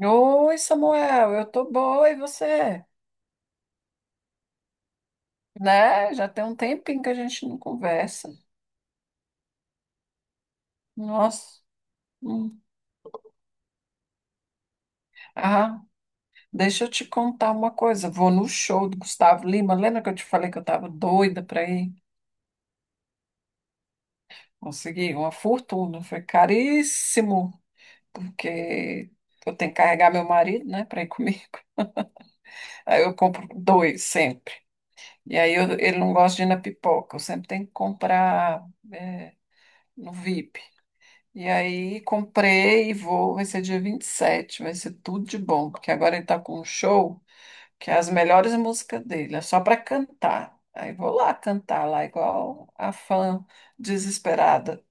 Oi, Samuel, eu tô boa, e você? Né? Já tem um tempinho que a gente não conversa. Nossa. Hum. Ah, deixa eu te contar uma coisa. Vou no show do Gustavo Lima. Lembra que eu te falei que eu tava doida para ir? Consegui uma fortuna. Foi caríssimo, porque eu tenho que carregar meu marido, né, para ir comigo. Aí eu compro dois sempre. E aí ele não gosta de ir na pipoca. Eu sempre tenho que comprar, é, no VIP. E aí comprei e vou, vai ser dia 27. Vai ser tudo de bom, porque agora ele tá com um show que é as melhores músicas dele, é só para cantar. Aí vou lá cantar lá igual a fã desesperada.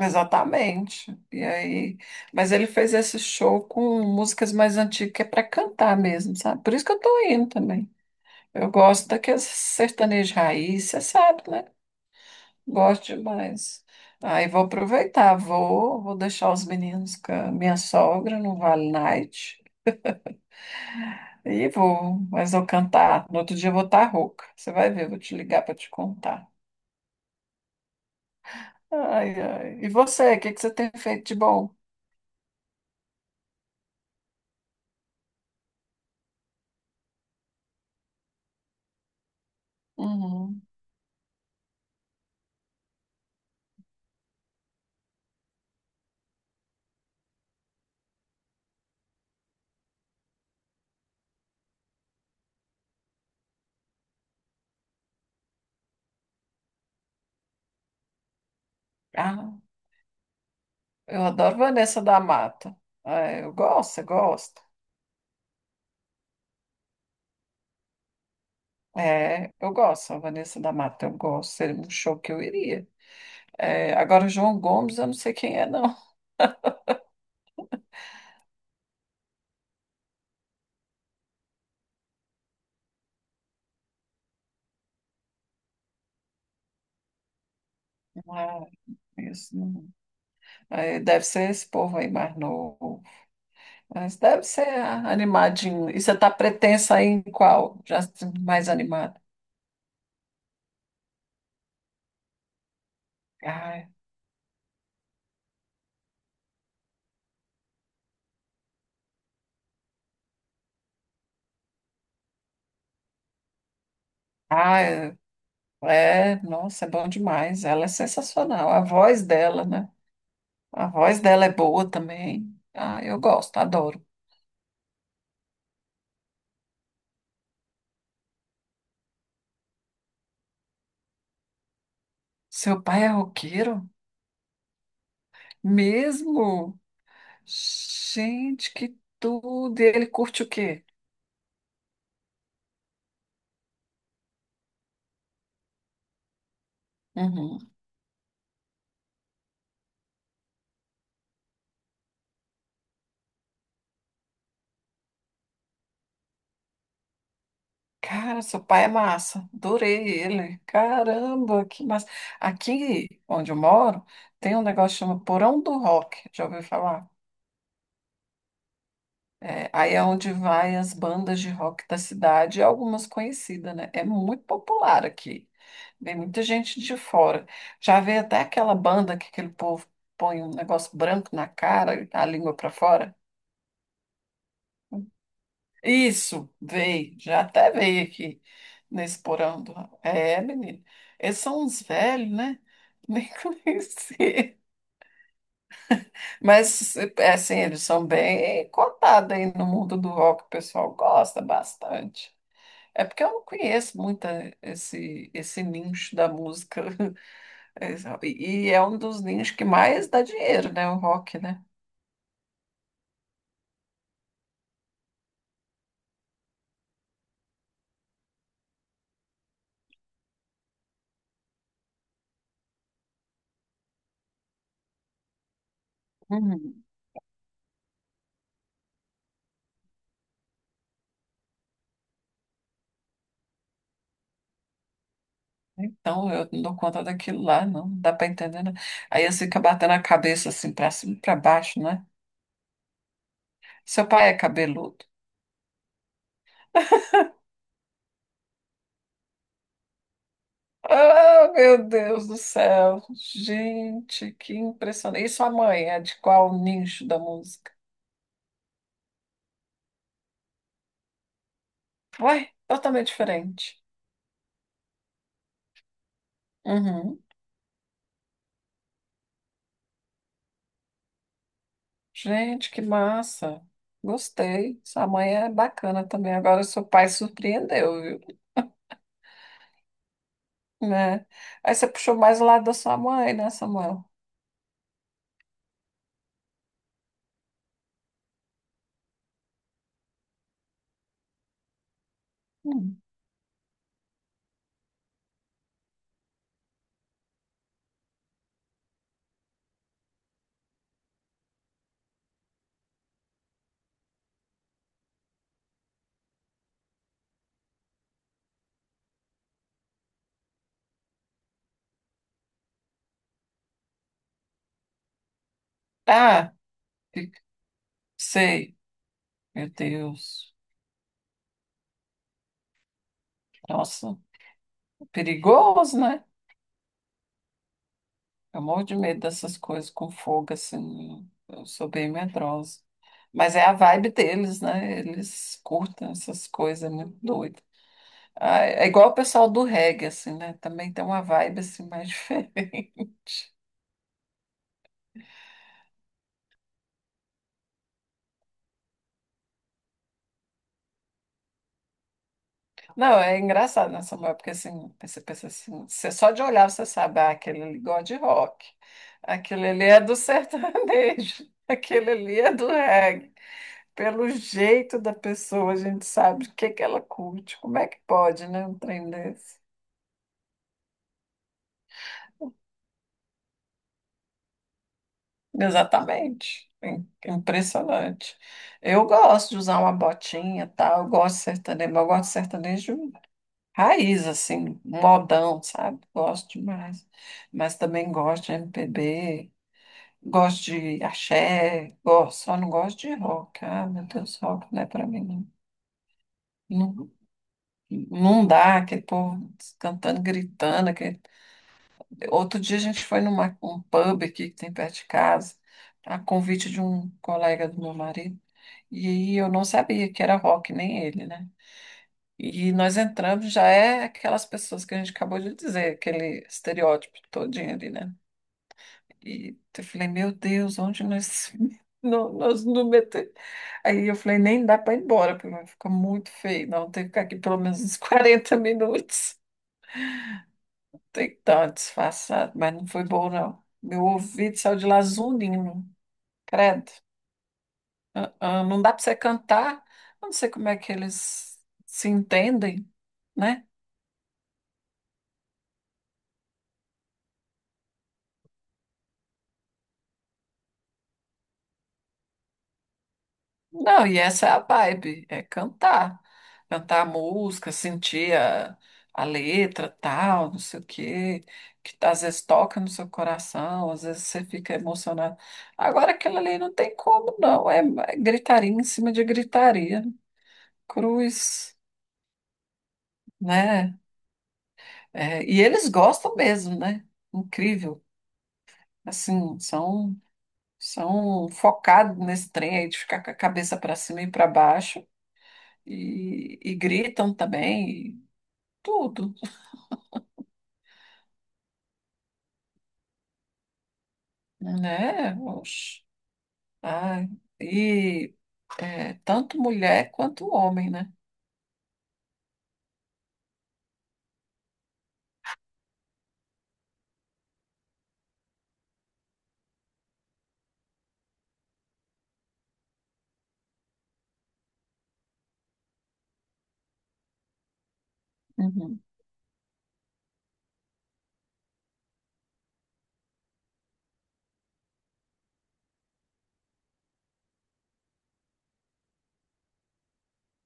Exatamente. E aí, mas ele fez esse show com músicas mais antigas que é para cantar mesmo, sabe? Por isso que eu tô indo também. Eu gosto daqueles sertanejo raiz, você sabe, né? Gosto demais. Aí vou aproveitar, vou, vou deixar os meninos com a minha sogra no Vale Night. E vou, mas vou cantar. No outro dia eu vou estar rouca. Você vai ver, eu vou te ligar para te contar. Ai, ai. E você, o que que você tem feito de bom? Uhum. Ah, eu adoro Vanessa da Mata. É, eu gosto, você gosta? É, eu gosto, a Vanessa da Mata, eu gosto. Seria um show que eu iria. É, agora, o João Gomes, eu não sei quem é, não. Ah, isso, não. Aí deve ser esse povo aí mais novo. Mas deve ser ah, animadinho. E você está pretensa aí em qual? Já mais animada. Ai, ai, é, nossa, é bom demais. Ela é sensacional. A voz dela, né? A voz dela é boa também. Ah, eu gosto, adoro. Seu pai é roqueiro? Mesmo? Gente, que tudo! E ele curte o quê? Uhum. Cara, seu pai é massa. Adorei ele. Caramba, que massa. Aqui onde eu moro, tem um negócio que chama Porão do Rock. Já ouviu falar? É, aí é onde vai as bandas de rock da cidade, algumas conhecidas, né? É muito popular aqui. Vem muita gente de fora. Já veio até aquela banda que aquele povo põe um negócio branco na cara, a língua para fora. Isso, veio, já até veio aqui nesse porão do... É, menino, eles são uns velhos, né? Nem conheci. Mas, é assim, eles são bem cotados aí no mundo do rock, o pessoal gosta bastante. É porque eu não conheço muito esse, esse nicho da música. E é um dos nichos que mais dá dinheiro, né? O rock, né? Uhum. Então, eu não dou conta daquilo lá, não, não dá para entender, né? Aí você fico batendo a cabeça assim para cima e para baixo, né? Seu pai é cabeludo. Ah, meu Deus do céu! Gente, que impressionante. E sua mãe é de qual nicho da música? Ué, totalmente diferente. Uhum. Gente, que massa! Gostei. Sua mãe é bacana também. Agora, seu pai surpreendeu, viu? Né? Aí você puxou mais o lado da sua mãe, né, Samuel? Hum. Ah, sei. Meu Deus. Nossa, perigoso, né? Eu morro de medo dessas coisas com fogo, assim. Eu sou bem medrosa. Mas é a vibe deles, né? Eles curtam essas coisas, é muito doido. Ah, é igual o pessoal do reggae, assim, né? Também tem uma vibe, assim, mais diferente. Não, é engraçado nessa mulher, porque, assim, você pensa assim, você só de olhar você sabe, ah, aquele ali gosta de rock, aquele ali é do sertanejo, aquele ali é do reggae. Pelo jeito da pessoa, a gente sabe o que que ela curte. Como é que pode, né? Um trem desse. Exatamente. Impressionante. Eu gosto de usar uma botinha, tal. Eu gosto de sertanejo, mas eu gosto de sertanejo raiz, assim, modão, sabe? Gosto demais. Mas também gosto de MPB, gosto de axé, gosto, só não gosto de rock. Ah, meu Deus, rock não é pra mim, não. Não, não dá, aquele povo cantando, gritando. Outro dia a gente foi numa, um pub aqui que tem perto de casa, a convite de um colega do meu marido, e aí eu não sabia que era rock, nem ele, né? E nós entramos, já é aquelas pessoas que a gente acabou de dizer, aquele estereótipo todinho ali, né? E eu falei, meu Deus, onde nós não, nós não metemos? Aí eu falei, nem dá para ir embora, porque vai ficar muito feio, não, tem que ficar aqui pelo menos uns 40 minutos. Tem que dar uma disfarçada, mas não foi bom, não. Meu ouvido saiu de lazulino, credo. Ah, ah, não dá para você cantar. Eu não sei como é que eles se entendem, né? Não, e essa é a vibe, é cantar. Cantar a música, sentir a letra, tal, não sei o quê, que tá, às vezes toca no seu coração, às vezes você fica emocionado. Agora aquilo ali não tem como, não. É gritaria em cima de gritaria. Cruz, né? É, e eles gostam mesmo, né? Incrível. Assim, são focados nesse trem aí de ficar com a cabeça para cima e para baixo e gritam também, e tudo, né? Oxe. Ai, e é, tanto mulher quanto homem, né? Uhum.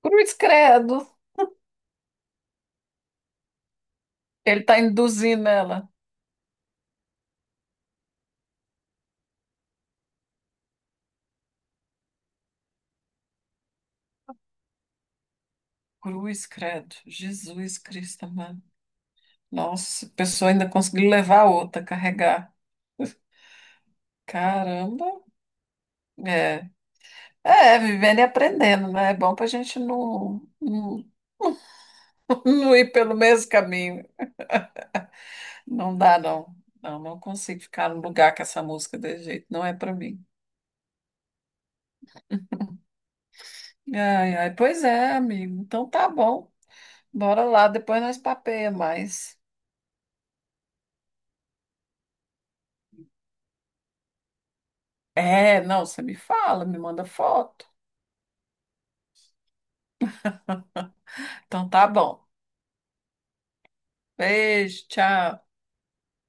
Cruz credo. Ele está induzindo ela. Cruz credo. Jesus Cristo, mano. Nossa, a pessoa ainda conseguiu levar a outra, carregar. Caramba. É. É, vivendo e aprendendo, né? É bom para a gente não, não, não ir pelo mesmo caminho. Não dá, não. Não, não consigo ficar no lugar com essa música desse jeito. Não é para mim. Ai, ai, pois é, amigo. Então tá bom. Bora lá, depois nós papeia mais. É, não, você me fala, me manda foto. Então tá bom. Beijo, tchau.